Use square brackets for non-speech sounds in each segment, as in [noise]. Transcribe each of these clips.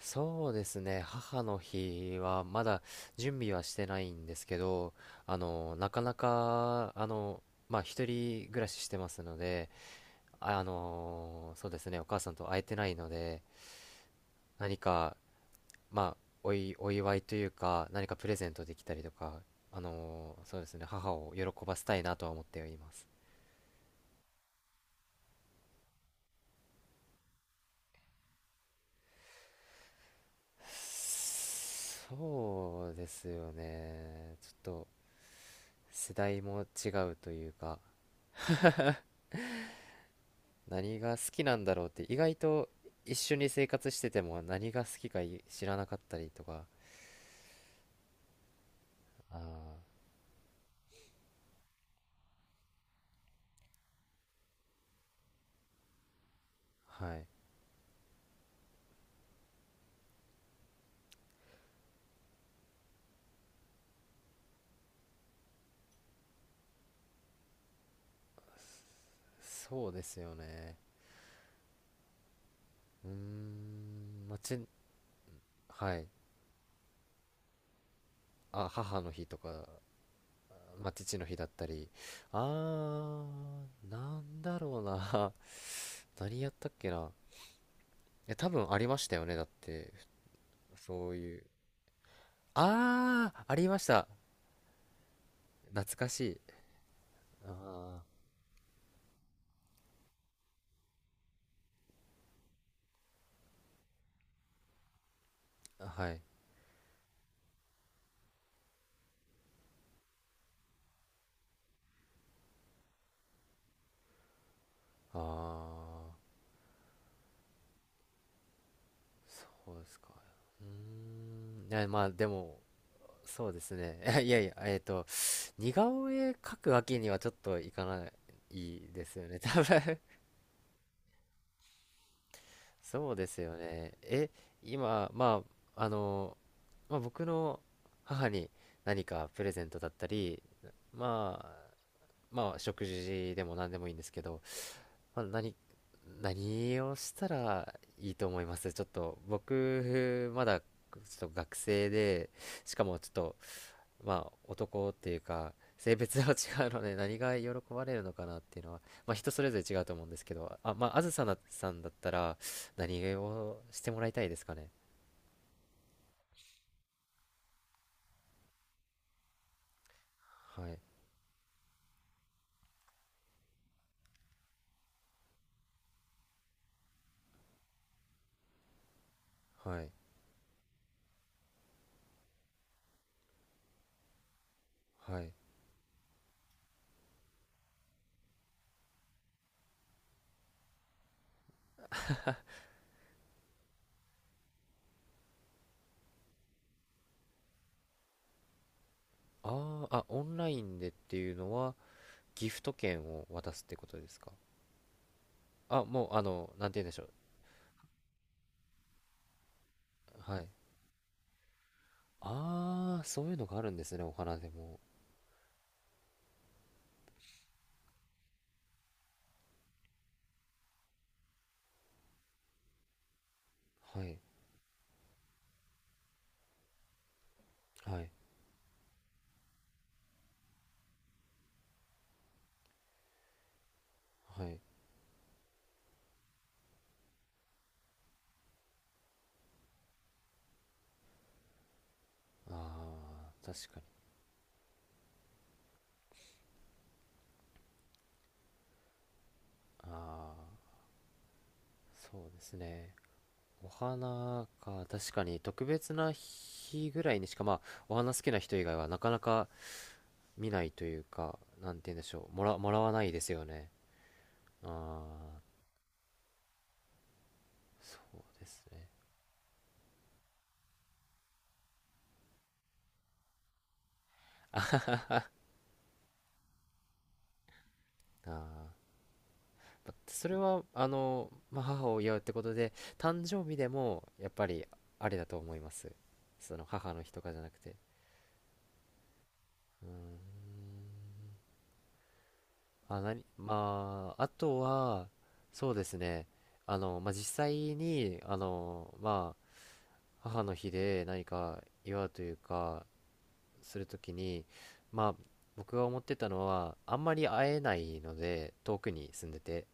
そうですね。母の日はまだ準備はしてないんですけど、なかなか、まあ、一人暮らししてますので、そうですね。お母さんと会えてないので、何か、まあ、お祝いというか、何かプレゼントできたりとか、そうですね。母を喜ばせたいなとは思っています。そうですよね。ちょっと世代も違うというか、何が好きなんだろうって、意外と一緒に生活してても何が好きか知らなかったりとか。ああ、はい。そうですよね。うーん、まあちはい。あ、母の日とか、まあ、父の日だったり、あなんだろうな。 [laughs] 何やったっけな。いや、多分ありましたよね、だって。そういう、ああー、ありました。懐かしい。あー、はい。ああー、うん。いや、まあ、でも、そうですね。[laughs] いやいや、似顔絵描くわけにはちょっといかないですよね。[laughs] 多分。そうですよね。え、今、まあ、まあ、僕の母に何かプレゼントだったり、まあ、食事でも何でもいいんですけど、まあ、何をしたらいいと思います？ちょっと僕、まだちょっと学生で、しかもちょっと、まあ、男っていうか性別は違うので、何が喜ばれるのかなっていうのは、まあ、人それぞれ違うと思うんですけど、まあ、あずさなさんだったら何をしてもらいたいですかね？はい、はい、はい。ああ、オンラインでっていうのはギフト券を渡すってことですか？もう、なんて言うんでしょう。はい。ああー、そういうのがあるんですね、お花でも。はい、はい、はい。ああー、確かに。ああー、そうですね。お花か、確かに特別な日ぐらいにしか、まあ、お花好きな人以外はなかなか見ないというか、なんて言うんでしょう、もらわないですよね。ああ、そうですね。ああ。ま、それは、まあ、母を祝うってことで、誕生日でも、やっぱり、あれだと思います。その、母の日とかじゃなくて。あ、なに、まあ、あとは、そうですね。まあ、実際に、まあ、母の日で何か祝うというか、するときに、まあ、僕が思ってたのは、あんまり会えないので、遠くに住んでて、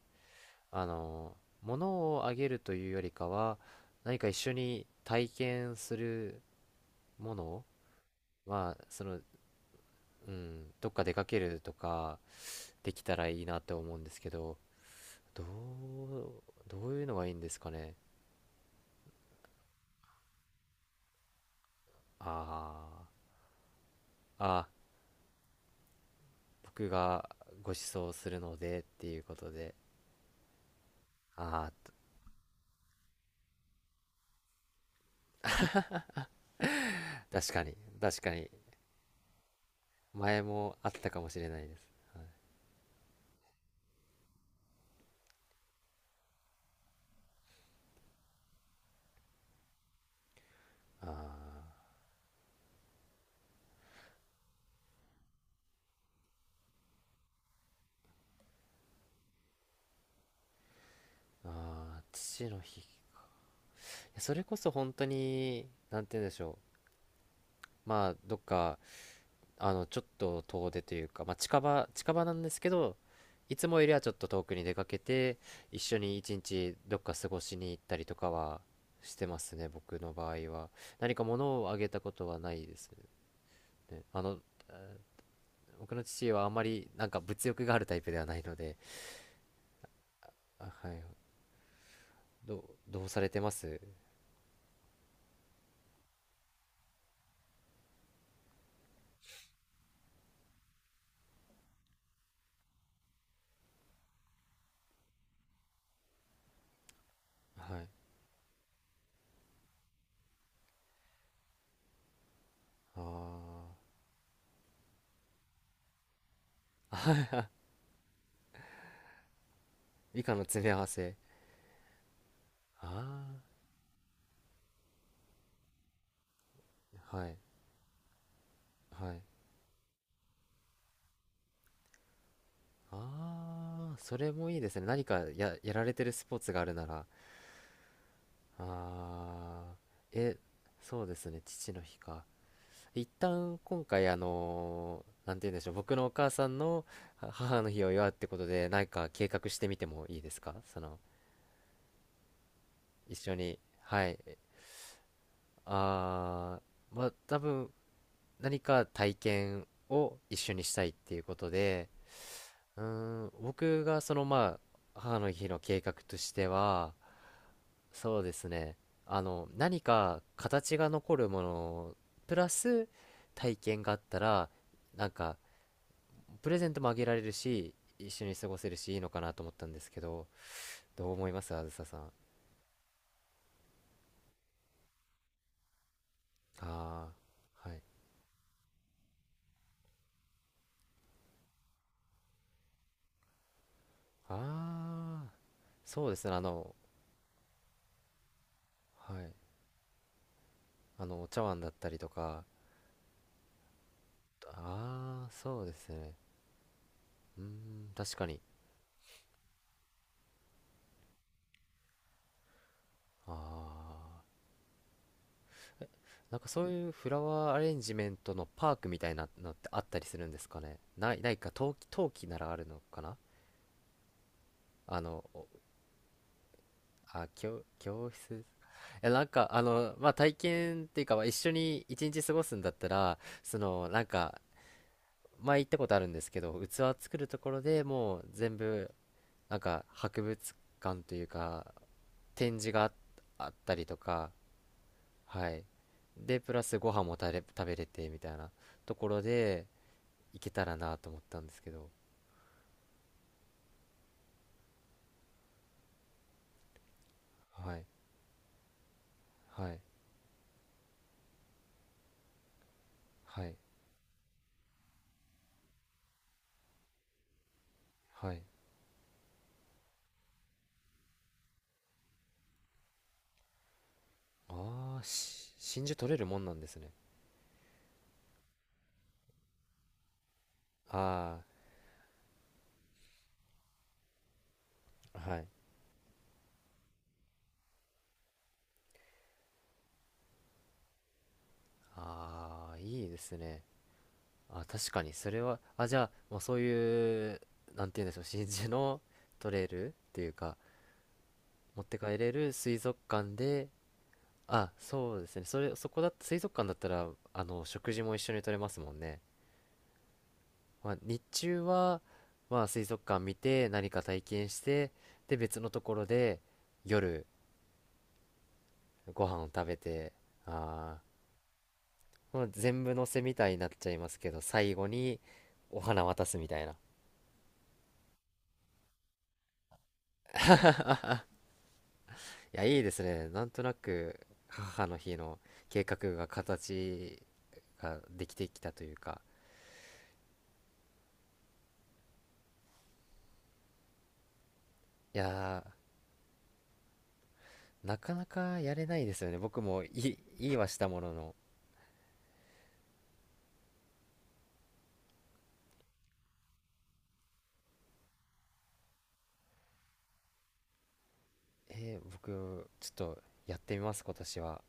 あの、物をあげるというよりかは、何か一緒に体験するものは、その、うん、どっか出かけるとか、できたらいいなって思うんですけど、どう、どういうのがいいんですかね？あー、あー、あ、僕がご馳走するのでっていうことで、ああ、確かに、確かに、前もあったかもしれないです。あー、あー、父の日、いや、それこそ本当になんて言うんでしょう、まあ、どっか、ちょっと遠出というか、まあ、近場近場なんですけど、いつもよりはちょっと遠くに出かけて、一緒に一日どっか過ごしに行ったりとかはしてますね、僕の場合は。何か物をあげたことはないですね。あの、あ、僕の父はあまりなんか物欲があるタイプではないので。あ、はい。どうされてます？はい。ああ、以下の詰め合わせ。ああ、はい、はい。ああ、それもいいですね。何かやられてるスポーツがあるなら。ああ、え、そうですね。父の日か。一旦今回、なんて言うんでしょう。僕のお母さんのは母の日を祝うってことで、何か計画してみてもいいですか、その、一緒に。はい。ああ、まあ、多分、何か体験を一緒にしたいっていうことで、うーん、僕がそのまあ母の日の計画としては、そうですね。何か形が残るものプラス体験があったら、なんかプレゼントもあげられるし、一緒に過ごせるし、いいのかなと思ったんですけど、どう思いますあずささん？ああー、はい。ああ、そうですね。あの、はい。あの、お茶碗だったりとか、ああ、そうですね。うーん、確かに。ああ。なんか、そういうフラワーアレンジメントのパークみたいなのってあったりするんですかね？ないか、陶器ならあるのかな。あの、おあ、教、教室、え、なんか、まあ、体験っていうか、まあ、一緒に一日過ごすんだったら、その、なんか、前行ったことあるんですけど、器作るところでもう全部、なんか、博物館というか、展示があったりとか、はい。で、プラスご飯も食べれて、みたいなところで、いけたらなと思ったんですけど、はい、はい、はい、はい。ああー、真珠取れるもんなんですね。ああー、はい。ああ、いいですね。あ、確かにそれは。あ、じゃあ、まあ、そういう、なんて言うんでしょう、真珠の取れるっていうか、持って帰れる水族館で。あ、そうですね。それ、そこだ。水族館だったら、あの食事も一緒に取れますもんね。まあ、日中は、まあ、水族館見て何か体験して、で、別のところで夜ご飯を食べて、あー、まあ、全部のせみたいになっちゃいますけど、最後にお花渡すみたいな。いや、いいですね、なんとなく母の日の計画が形ができてきたというか。いやー、なかなかやれないですよね、僕も。いいはしたものの、えー、僕ちょっとやってみます、今年は。